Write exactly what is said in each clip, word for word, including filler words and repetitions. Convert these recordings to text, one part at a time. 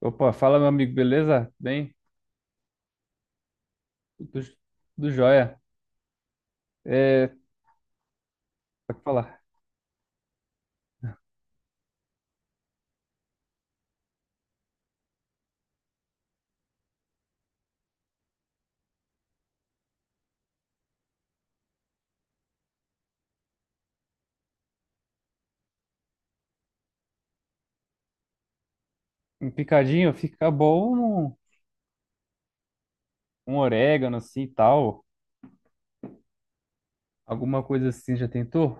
Opa, fala meu amigo, beleza? Bem? Tudo, tudo jóia. É, pode falar. Um picadinho fica bom, um, um orégano assim e tal. Alguma coisa assim, já tentou?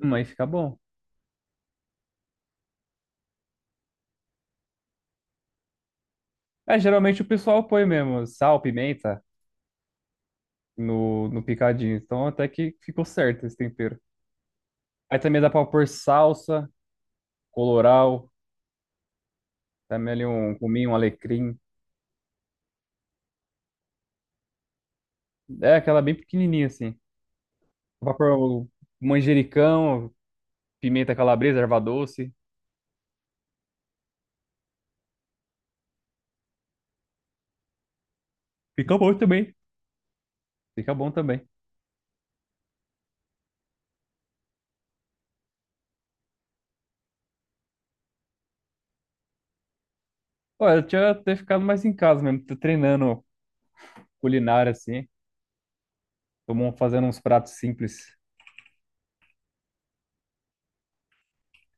Hum, aí fica bom. É, geralmente o pessoal põe mesmo sal, pimenta no, no picadinho. Então até que ficou certo esse tempero. Aí também dá pra pôr salsa, colorau, também ali um cominho, um alecrim. É aquela bem pequenininha assim. Dá pra pôr o manjericão, pimenta calabresa, erva doce. Fica bom também. Fica bom também. Olha, eu tinha até ficado mais em casa mesmo, tô treinando culinária assim, tô mon- fazendo uns pratos simples.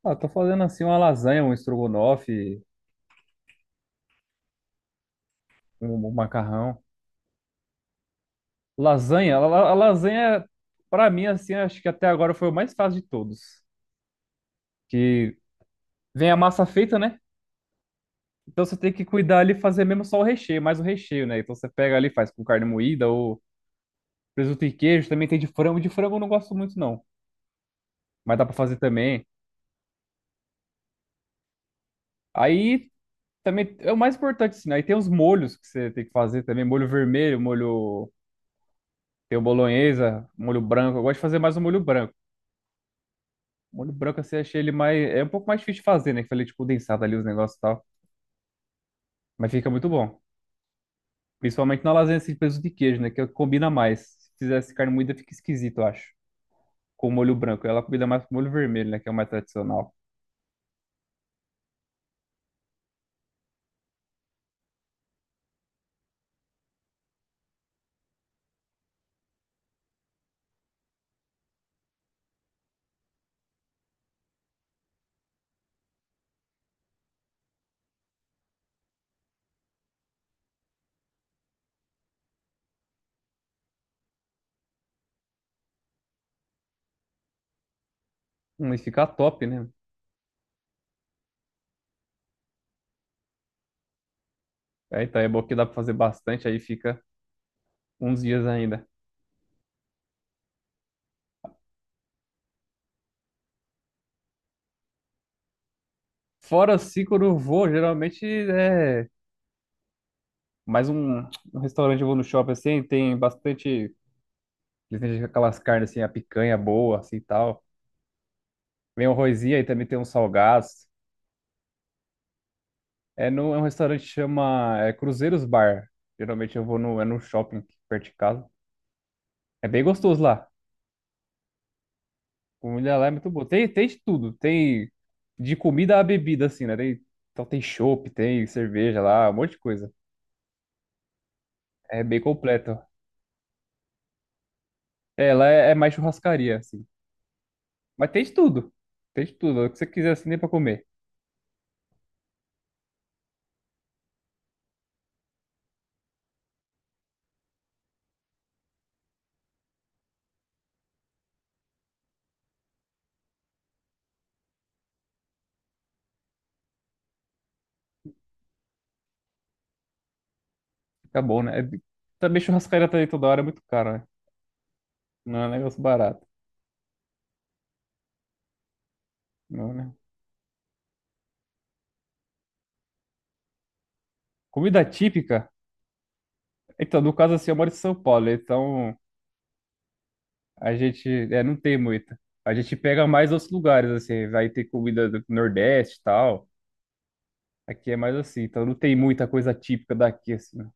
Ah, tô fazendo assim uma lasanha, um estrogonofe, um, um macarrão. Lasanha, a, la- a lasanha, pra mim, assim, acho que até agora foi o mais fácil de todos. Que vem a massa feita, né? Então você tem que cuidar ali e fazer mesmo só o recheio, mais o recheio, né? Então você pega ali, faz com carne moída ou presunto e queijo, também tem de frango. De frango eu não gosto muito, não, mas dá pra fazer também. Aí também é o mais importante, assim, né? Aí tem os molhos que você tem que fazer também. Molho vermelho, molho. Tem o bolonhesa, molho branco. Eu gosto de fazer mais o molho branco. O molho branco, assim, eu achei ele mais. É um pouco mais difícil de fazer, né? Que falei, tipo, condensado ali os negócios e tal. Mas fica muito bom. Principalmente na lasanha, assim, de presunto de queijo, né? Que combina mais. Se fizesse carne moída, fica esquisito, eu acho. Com o molho branco. Ela combina mais com o molho vermelho, né? Que é o mais tradicional. Hum, e fica top, né? Aí tá, é bom que dá pra fazer bastante, aí fica uns dias ainda. Fora assim, quando eu vou, geralmente é. Mas um, um restaurante eu vou no shopping assim, tem bastante. Eles têm aquelas carnes assim, a picanha boa, assim e tal. Vem o arrozinho e também tem uns salgados. É, no, É um restaurante que chama é, Cruzeiros Bar. Geralmente eu vou no, é no shopping perto de casa. É bem gostoso lá. A comida lá é muito boa. Tem, tem de tudo. Tem de comida a bebida, assim, né? Tem, então tem chopp, tem cerveja lá, um monte de coisa. É bem completo. É, lá é, é mais churrascaria, assim. Mas tem de tudo. Tem de tudo. O que você quiser, assim, nem pra comer. Acabou, né? É de- Também churrascaria tá aí toda hora é muito caro, né? Não é um negócio barato, não, né? Comida típica? Então, no caso assim, eu moro em São Paulo, então a gente é, não tem muita. A gente pega mais outros lugares, assim, vai ter comida do Nordeste e tal. Aqui é mais assim, então não tem muita coisa típica daqui, assim, né?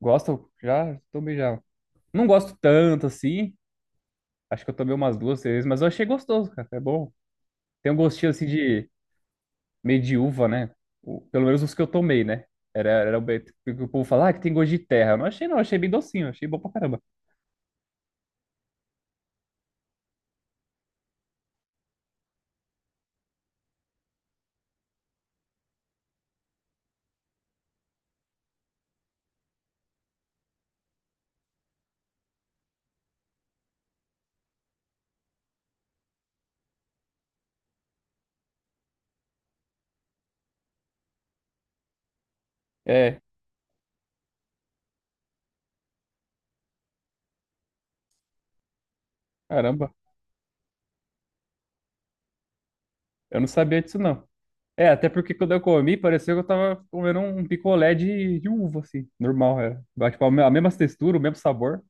Gosto? Já? Tomei já. Não gosto tanto, assim. Acho que eu tomei umas duas, três, mas eu achei gostoso, cara. É bom. Tem um gostinho, assim, de meio de uva, né? O- pelo menos os que eu tomei, né? Era, era o be- que o povo fala, ah, que tem gosto de terra. Eu não achei, não. Achei bem docinho. Achei bom pra caramba. É, caramba. Eu não sabia disso, não. É, até porque quando eu comi, pareceu que eu tava comendo um picolé de, de uva, assim. Normal, era. Mas, tipo, a me- a mesma textura, o mesmo sabor.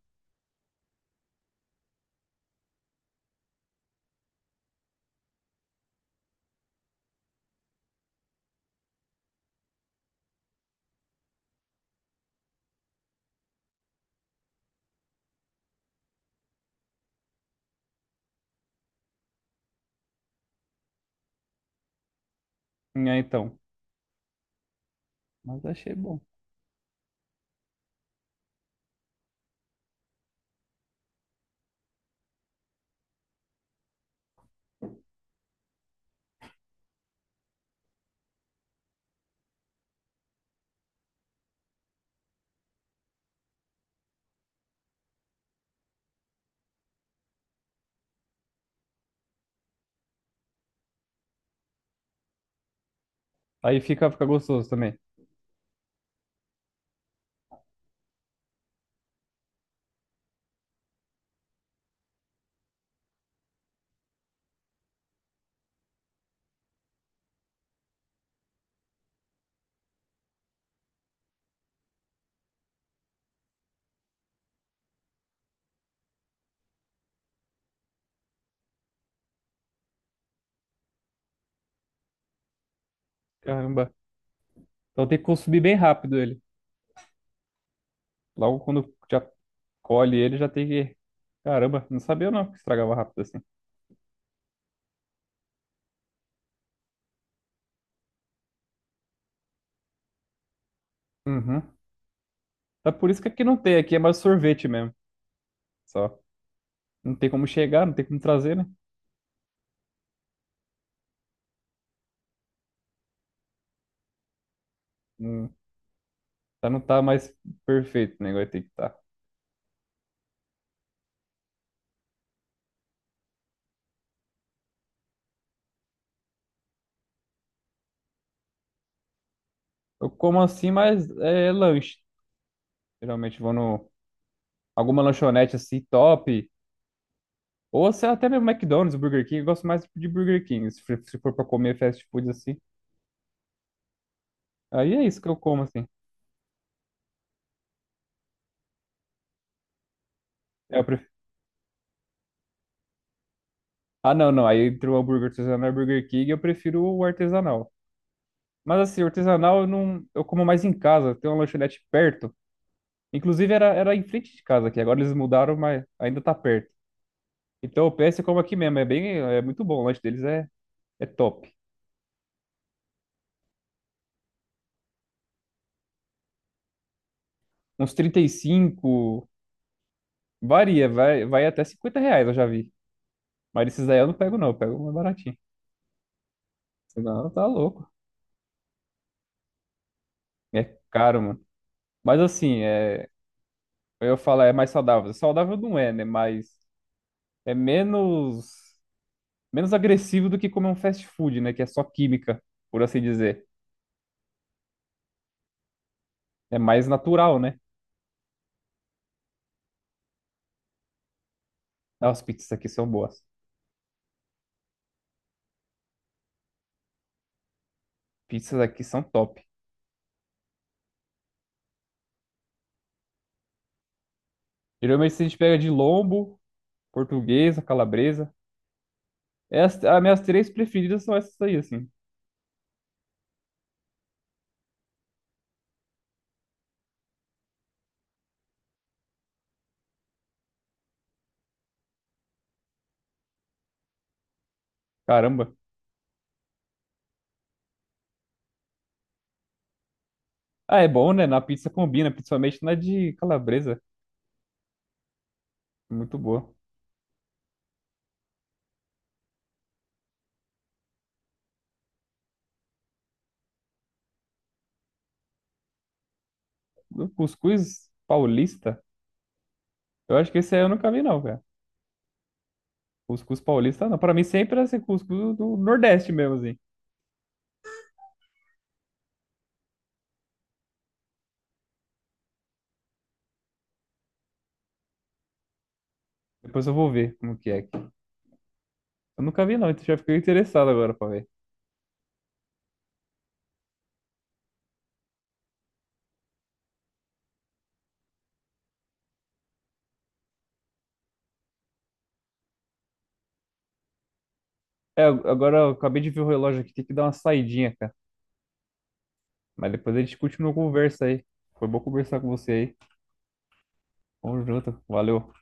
É, então. Mas achei bom. Aí fica, fica gostoso também. Caramba. Então tem que consumir bem rápido ele. Logo quando já colhe ele, já tem que... Caramba, não sabia não que estragava rápido assim. Uhum. É por isso que aqui não tem, aqui é mais sorvete mesmo, só. Não tem como chegar, não tem como trazer, né? Não, tá, não tá mais perfeito o negócio, tem que tá. Eu como assim, mas é lanche. Geralmente vou no... Alguma lanchonete assim, top. Ou se- até mesmo McDonald's, Burger King. Eu gosto mais de Burger King, se for, se for pra comer fast food assim. Aí é isso que eu como, assim. É, eu pref- Ah, não, não. Aí entre o hambúrguer artesanal e o Burger King, eu prefiro o artesanal. Mas assim, o artesanal eu não... Eu como mais em casa. Tem uma lanchonete perto. Inclusive era, era em frente de casa aqui. Agora eles mudaram, mas ainda tá perto. Então o P S como aqui mesmo. É bem, é muito bom. O lanche deles é, é top. Uns trinta e cinco varia, vai, vai até cinquenta reais, eu já vi. Mas esses aí eu não pego, não. Eu pego mais baratinho. Senão tá louco. É caro, mano. Mas assim, é, eu falo, é mais saudável. Saudável não é, né? Mas é menos, menos agressivo do que comer um fast food, né? Que é só química, por assim dizer. É mais natural, né? Ah, as pizzas aqui são boas. Pizzas aqui são top. Geralmente a gente pega de lombo, portuguesa, calabresa. É as, as minhas três preferidas são essas aí, assim. Caramba. Ah, é bom, né? Na pizza combina, principalmente na de calabresa. Muito boa. O cuscuz paulista, eu acho que esse aí eu nunca vi, não, cara. Cuscuz paulista, não. Pra mim sempre era esse cuscuz do Nordeste mesmo, assim. Depois eu vou ver como que é aqui. Eu nunca vi, não, então já fiquei interessado agora pra ver. É, agora eu acabei de ver o relógio aqui, tem que dar uma saidinha, cara. Mas depois a gente continua a conversa aí. Foi bom conversar com você aí. Tamo junto. Valeu.